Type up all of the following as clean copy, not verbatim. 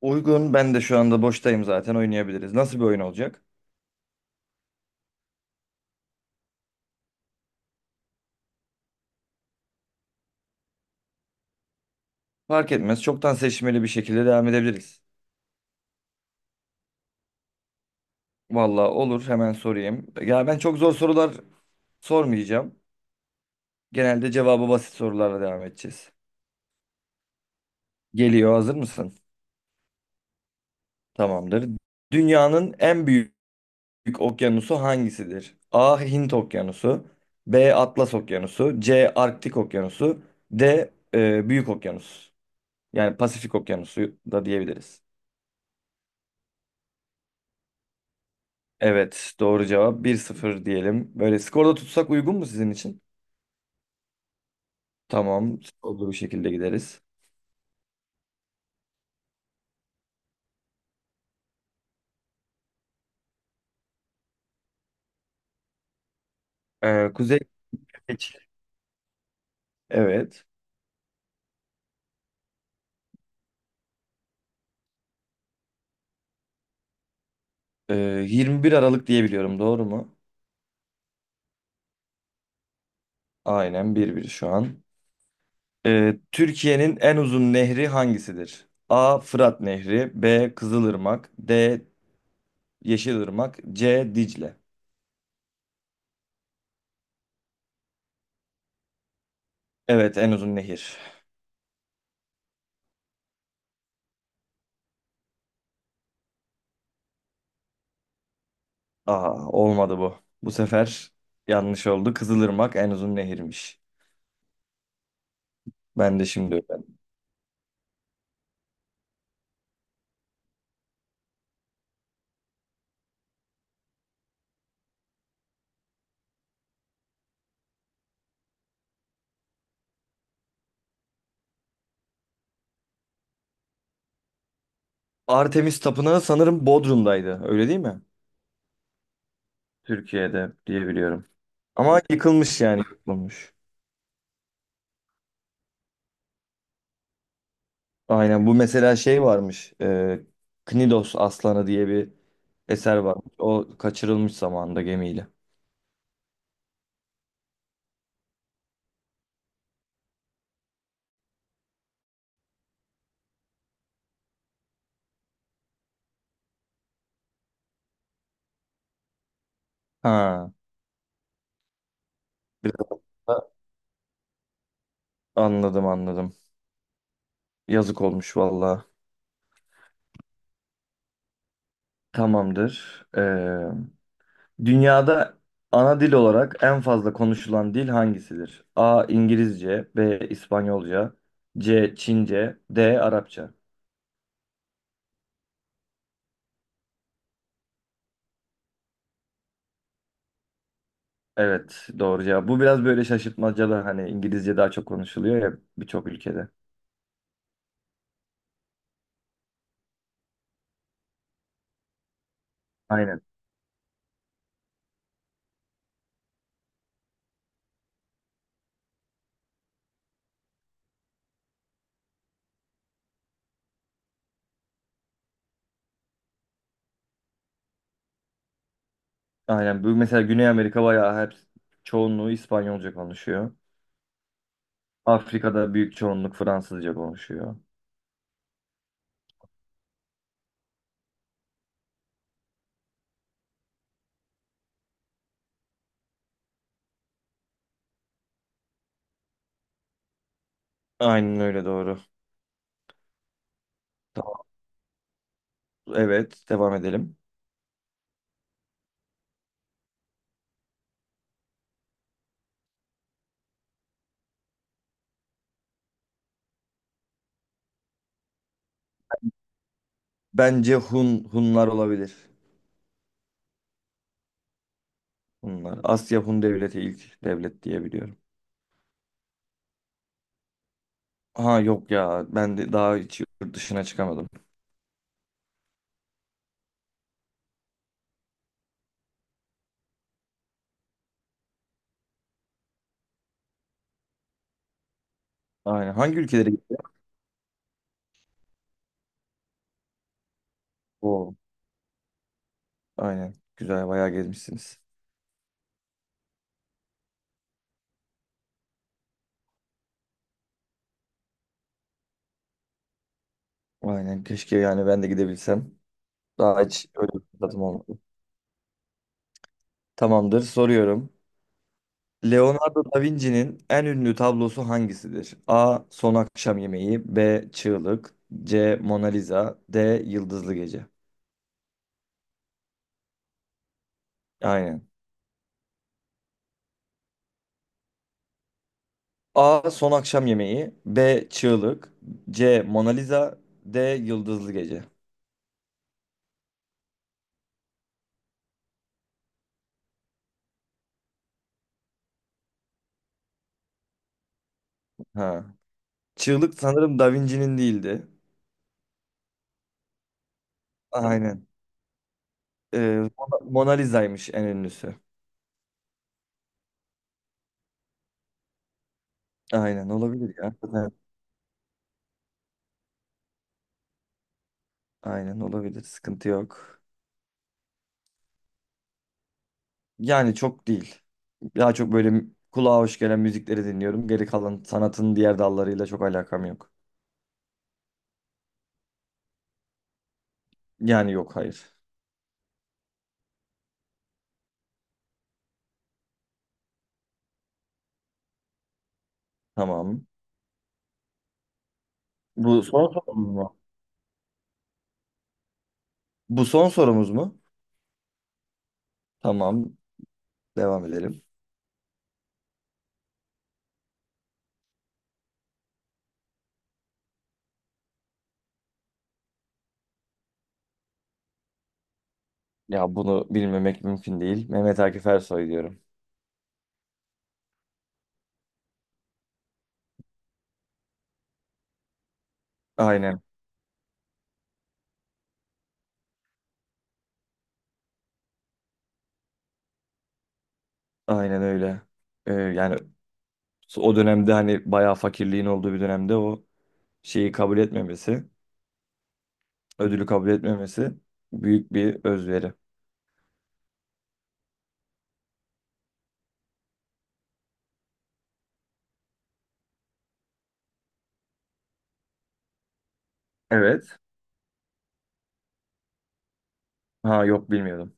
Uygun. Ben de şu anda boştayım zaten oynayabiliriz. Nasıl bir oyun olacak? Fark etmez. Çoktan seçmeli bir şekilde devam edebiliriz. Valla olur. Hemen sorayım. Ya ben çok zor sorular sormayacağım. Genelde cevabı basit sorularla devam edeceğiz. Geliyor. Hazır mısın? Tamamdır. Dünyanın en büyük okyanusu hangisidir? A. Hint Okyanusu, B. Atlas Okyanusu, C. Arktik Okyanusu, D. Büyük Okyanus. Yani Pasifik Okyanusu da diyebiliriz. Evet, doğru cevap 1-0 diyelim. Böyle skorda tutsak uygun mu sizin için? Tamam, skorlu bir şekilde gideriz. Kuzey Kıbrıs. Evet. Ee, 21 Aralık diye biliyorum, doğru mu? Aynen 1-1 şu an. Türkiye'nin en uzun nehri hangisidir? A. Fırat Nehri, B. Kızılırmak, D. Yeşilırmak, C. Dicle. Evet, en uzun nehir. Aa, olmadı bu. Bu sefer yanlış oldu. Kızılırmak en uzun nehirmiş. Ben de şimdi öğrendim. Artemis Tapınağı sanırım Bodrum'daydı. Öyle değil mi? Türkiye'de diye biliyorum. Ama yıkılmış, yani yıkılmış. Aynen, bu mesela şey varmış. Knidos Aslanı diye bir eser varmış. O kaçırılmış zamanında gemiyle. Ha, biraz da- anladım, anladım. Yazık olmuş valla. Tamamdır. Dünyada ana dil olarak en fazla konuşulan dil hangisidir? A. İngilizce, B. İspanyolca, C. Çince, D. Arapça. Evet, doğru cevap. Bu biraz böyle şaşırtmacalı, hani İngilizce daha çok konuşuluyor ya birçok ülkede. Aynen. Aynen. Bu mesela Güney Amerika bayağı hep çoğunluğu İspanyolca konuşuyor. Afrika'da büyük çoğunluk Fransızca konuşuyor. Aynen öyle, doğru. Tamam. Evet, devam edelim. Bence Hun, Hunlar olabilir. Bunlar Asya Hun Devleti ilk devlet diye biliyorum. Ha yok ya, ben de daha hiç yurt dışına çıkamadım. Aynen. Hangi ülkelere gittin? Oo, aynen. Güzel, bayağı gezmişsiniz. Aynen. Keşke, yani ben de gidebilsem. Daha hiç öyle bir fırsatım olmadı. Tamamdır. Soruyorum. Leonardo da Vinci'nin en ünlü tablosu hangisidir? A. Son Akşam Yemeği, B. Çığlık, C. Mona Lisa, D. Yıldızlı Gece. Aynen. A. Son Akşam Yemeği. B. Çığlık. C. Mona Lisa. D. Yıldızlı Gece. Ha. Çığlık sanırım Da Vinci'nin değildi. Aynen. Ee, Mona Lisa'ymış en ünlüsü. Aynen, olabilir ya. Evet. Aynen olabilir. Sıkıntı yok. Yani çok değil. Daha çok böyle kulağa hoş gelen müzikleri dinliyorum. Geri kalan sanatın diğer dallarıyla çok alakam yok. Yani yok, hayır. Tamam. Bu son sorumuz mu? Bu son sorumuz mu? Tamam. Devam edelim. Ya bunu bilmemek mümkün değil. Mehmet Akif Ersoy diyorum. Aynen, aynen öyle. Yani o dönemde hani bayağı fakirliğin olduğu bir dönemde o şeyi kabul etmemesi, ödülü kabul etmemesi büyük bir özveri. Evet. Ha yok, bilmiyordum.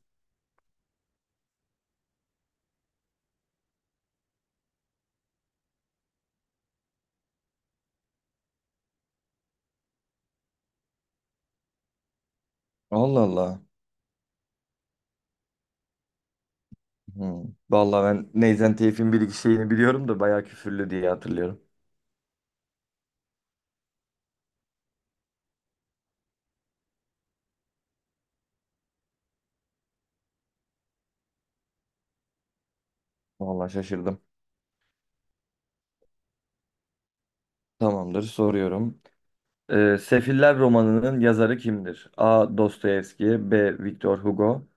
Allah Allah. Hmm. Vallahi ben Neyzen Tevfik'in bir iki şeyini biliyorum da bayağı küfürlü diye hatırlıyorum. Vallahi şaşırdım. Tamamdır, soruyorum. Sefiller romanının yazarı kimdir? A. Dostoyevski, B. Victor Hugo,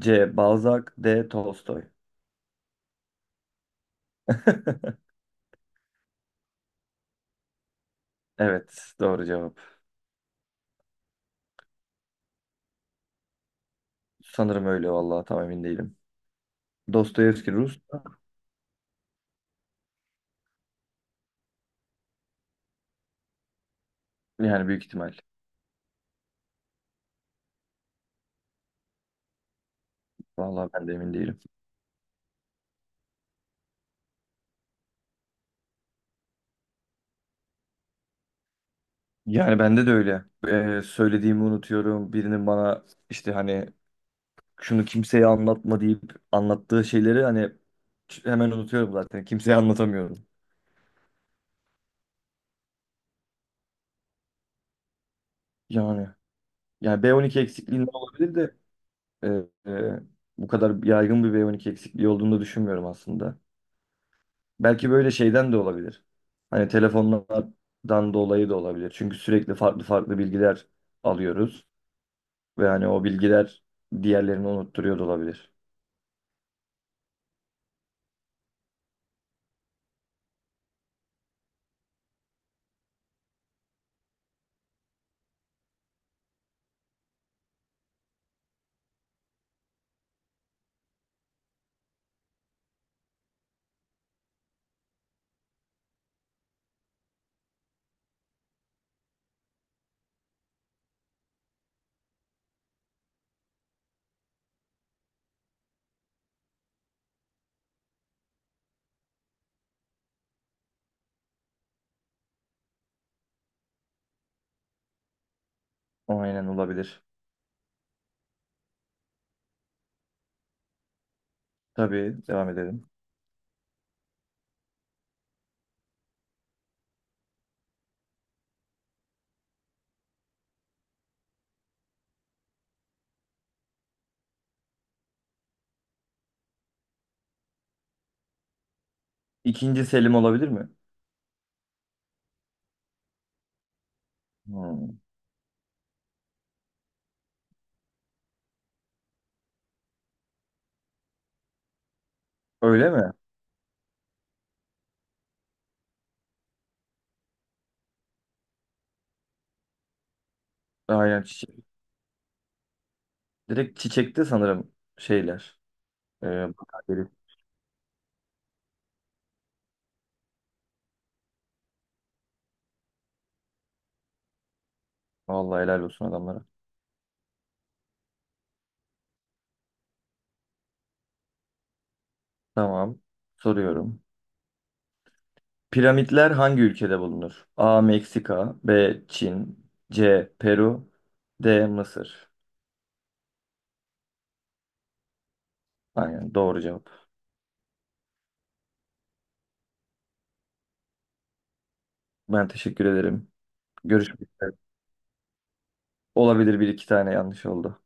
C. Balzac, D. Tolstoy. Evet, doğru cevap. Sanırım öyle, vallahi tam emin değilim. Dostoyevski Rus, yani büyük ihtimal. Vallahi ben de emin değilim. Yani bende de öyle. Söylediğimi unutuyorum. Birinin bana işte hani şunu kimseye anlatma deyip anlattığı şeyleri hani hemen unutuyorum zaten. Kimseye anlatamıyorum. Yani yani B12 eksikliğinden olabilir de e, e, bu kadar yaygın bir B12 eksikliği olduğunu düşünmüyorum aslında. Belki böyle şeyden de olabilir. Hani telefonlardan dolayı da olabilir. Çünkü sürekli farklı farklı bilgiler alıyoruz ve hani o bilgiler diğerlerini unutturuyor da olabilir. Aynen, olabilir. Tabii, devam edelim. İkinci Selim olabilir mi? Hmm. Öyle mi? Aynen, çiçek. Direkt çiçekte sanırım şeyler. Bakar gelip. Vallahi helal olsun adamlara. Tamam. Soruyorum. Piramitler hangi ülkede bulunur? A. Meksika, B. Çin, C. Peru, D. Mısır. Aynen, doğru cevap. Ben teşekkür ederim. Görüşmek üzere. Olabilir, bir iki tane yanlış oldu.